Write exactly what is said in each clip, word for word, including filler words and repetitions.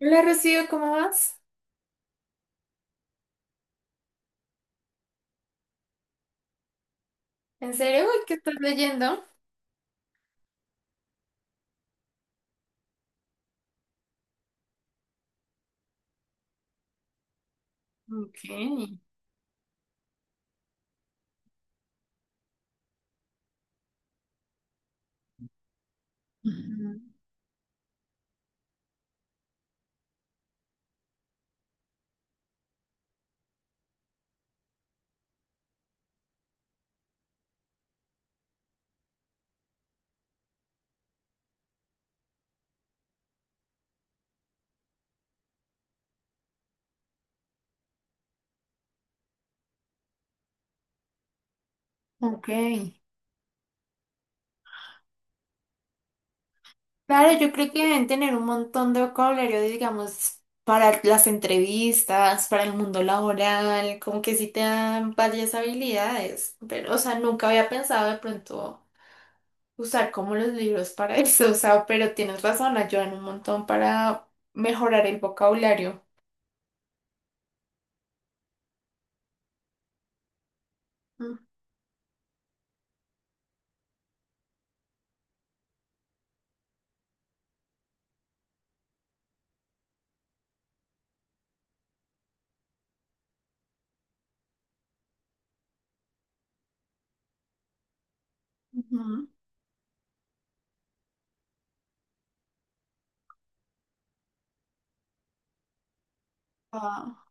Hola Rocío, ¿cómo vas? ¿En serio? Uy, ¿qué estás leyendo? Okay. Ujú. Ok. Claro, yo creo que deben tener un montón de vocabulario, digamos, para las entrevistas, para el mundo laboral, como que sí te dan varias habilidades, pero, o sea, nunca había pensado de pronto usar como los libros para eso, o sea, pero tienes razón, ayudan un montón para mejorar el vocabulario. Ujú. Ah,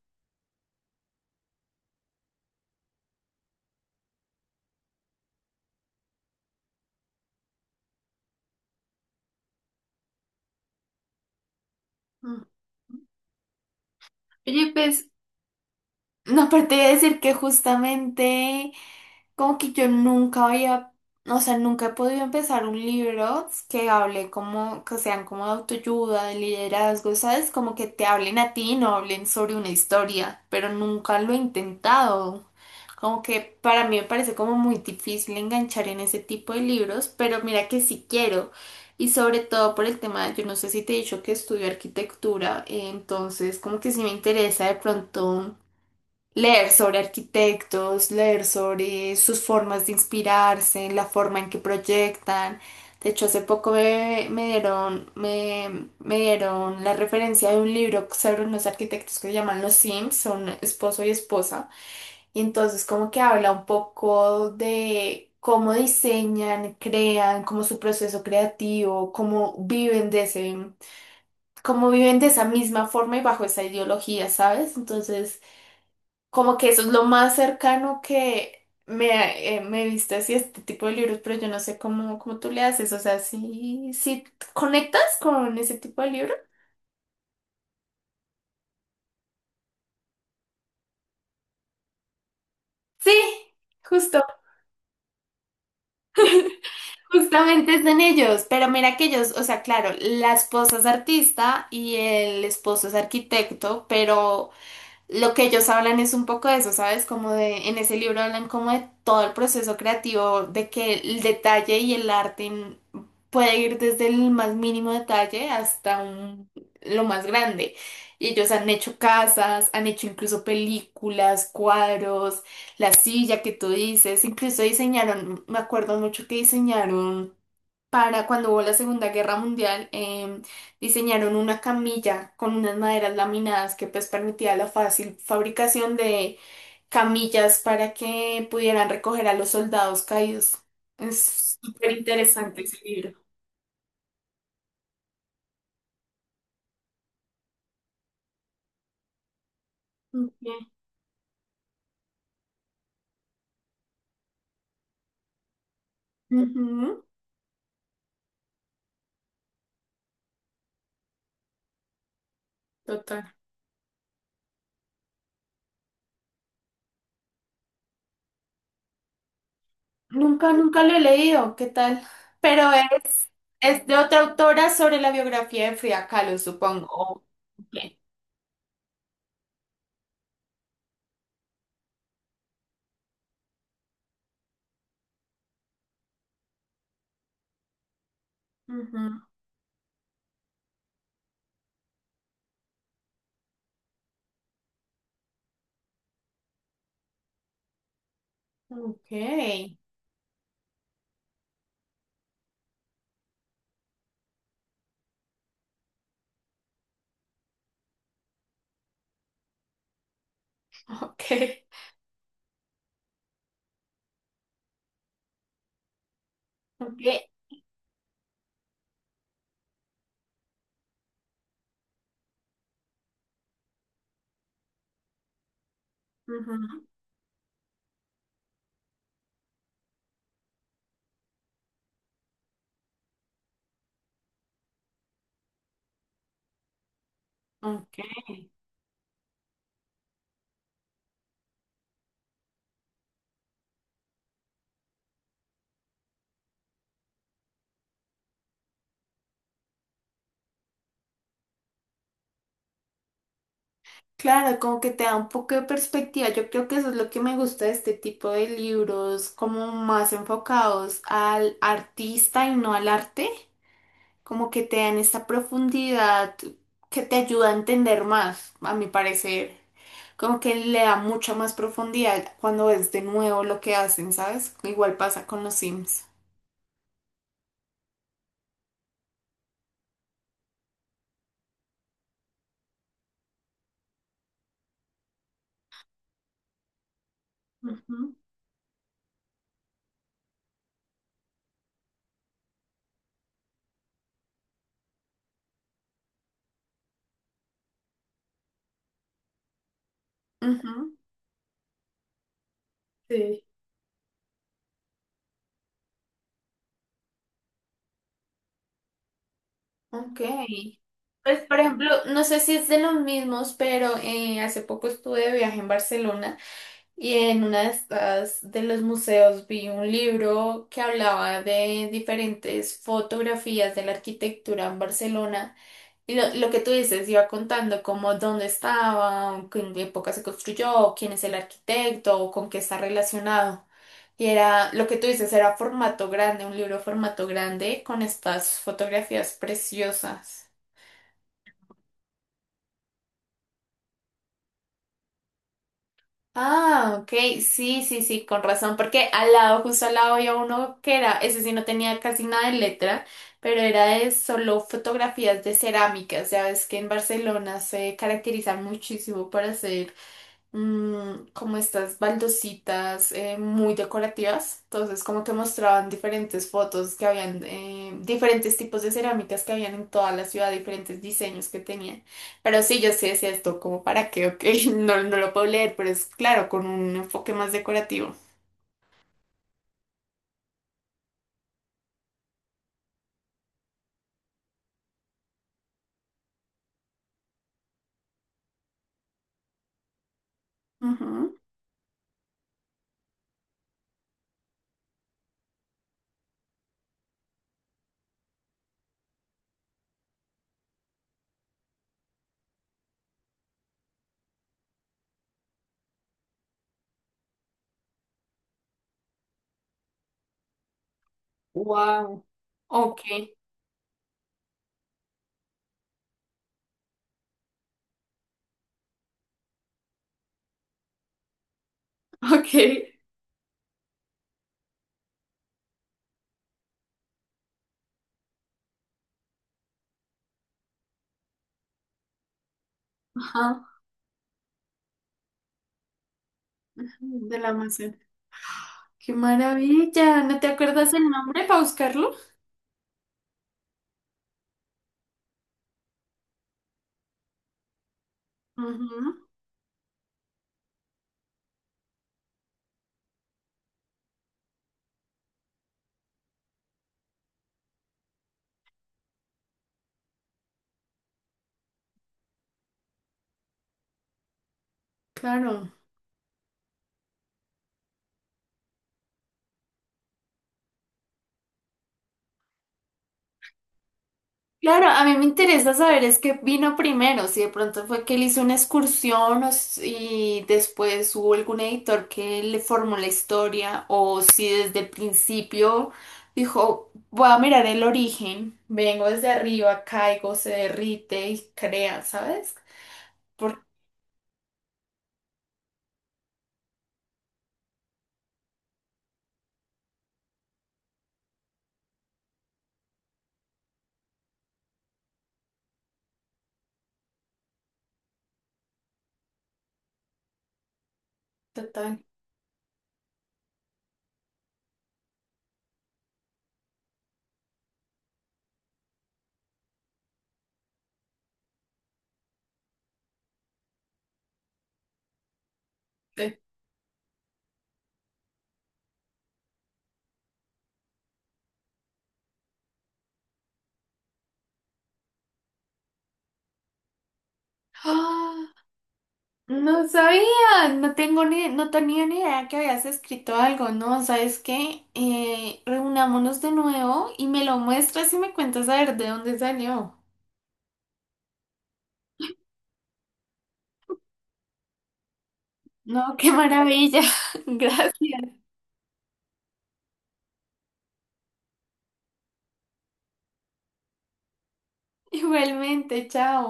ujú. Oye, pues no, aparte de decir que justamente como que yo nunca había, o sea, nunca he podido empezar un libro que hable como, que sean como de autoayuda, de liderazgo, ¿sabes? Como que te hablen a ti, no hablen sobre una historia, pero nunca lo he intentado. Como que para mí me parece como muy difícil enganchar en ese tipo de libros, pero mira que sí quiero. Y sobre todo por el tema, yo no sé si te he dicho que estudio arquitectura, eh, entonces como que sí me interesa de pronto leer sobre arquitectos, leer sobre sus formas de inspirarse, la forma en que proyectan. De hecho, hace poco me, me dieron, me, me dieron la referencia de un libro sobre unos arquitectos que se llaman Los Sims, son esposo y esposa. Y entonces como que habla un poco de cómo diseñan, crean, cómo su proceso creativo, cómo viven de ese, cómo viven de esa misma forma y bajo esa ideología, ¿sabes? Entonces... Como que eso es lo más cercano que me, eh, me he visto así este tipo de libros, pero yo no sé cómo, cómo tú le haces. O sea, si si conectas con ese tipo de libro. Sí, justo, justamente es en ellos. Pero mira que ellos, o sea, claro, la esposa es artista y el esposo es arquitecto, pero lo que ellos hablan es un poco de eso, ¿sabes? Como de, en ese libro hablan como de todo el proceso creativo, de que el detalle y el arte en- puede ir desde el más mínimo detalle hasta un- lo más grande. Y ellos han hecho casas, han hecho incluso películas, cuadros, la silla que tú dices, incluso diseñaron, me acuerdo mucho que diseñaron para cuando hubo la Segunda Guerra Mundial, em, diseñaron una camilla con unas maderas laminadas que pues permitía la fácil fabricación de camillas para que pudieran recoger a los soldados caídos. Es súper interesante ese libro. Ok. Ujú. Total. Nunca, nunca lo he leído, ¿qué tal? Pero es, es de otra autora sobre la biografía de Frida Kahlo, supongo. Ok. Ujú. Ok. Ok. Ok. Ujú. Ok. Claro, como que te da un poco de perspectiva. Yo creo que eso es lo que me gusta de este tipo de libros, como más enfocados al artista y no al arte, como que te dan esta profundidad que te ayuda a entender más, a mi parecer. Como que le da mucha más profundidad cuando ves de nuevo lo que hacen, ¿sabes? Igual pasa con los Sims. Ujú. Ujú. Ok. Pues, por ejemplo, no sé si es de los mismos, pero eh, hace poco estuve de viaje en Barcelona. Y en una de estas de los museos vi un libro que hablaba de diferentes fotografías de la arquitectura en Barcelona. Y lo, lo que tú dices, iba contando como dónde estaba, en qué época se construyó, quién es el arquitecto o con qué está relacionado. Y era, lo que tú dices, era formato grande, un libro formato grande con estas fotografías preciosas. Ah, ok, sí, sí, sí, con razón, porque al lado, justo al lado había uno que era, ese sí no tenía casi nada de letra, pero era de solo fotografías de cerámicas, ya ves que en Barcelona se caracteriza muchísimo por hacer mm, como estas baldositas eh, muy decorativas. Entonces, como que mostraban diferentes fotos que habían, eh, diferentes tipos de cerámicas que habían en toda la ciudad, diferentes diseños que tenían. Pero sí, yo sí decía esto, como para qué, ok, no, no lo puedo leer, pero es claro, con un enfoque más decorativo. Ujú. Wow. Ok, ok. Ajá. De la Amazon. ¡Qué maravilla! ¿No te acuerdas el nombre para buscarlo? Ujú. Claro. Claro, a mí me interesa saber es qué vino primero, si de pronto fue que él hizo una excursión o si- y después hubo algún editor que le formó la historia o si desde el principio dijo, voy a mirar el origen, vengo desde arriba, caigo, se derrite y crea, ¿sabes? Por totalmente. No sabía, no tengo ni, no tenía ni idea que habías escrito algo, ¿no? ¿Sabes qué? Eh, reunámonos de nuevo y me lo muestras y me cuentas a ver de dónde salió. No, qué maravilla. Gracias. Igualmente, chao.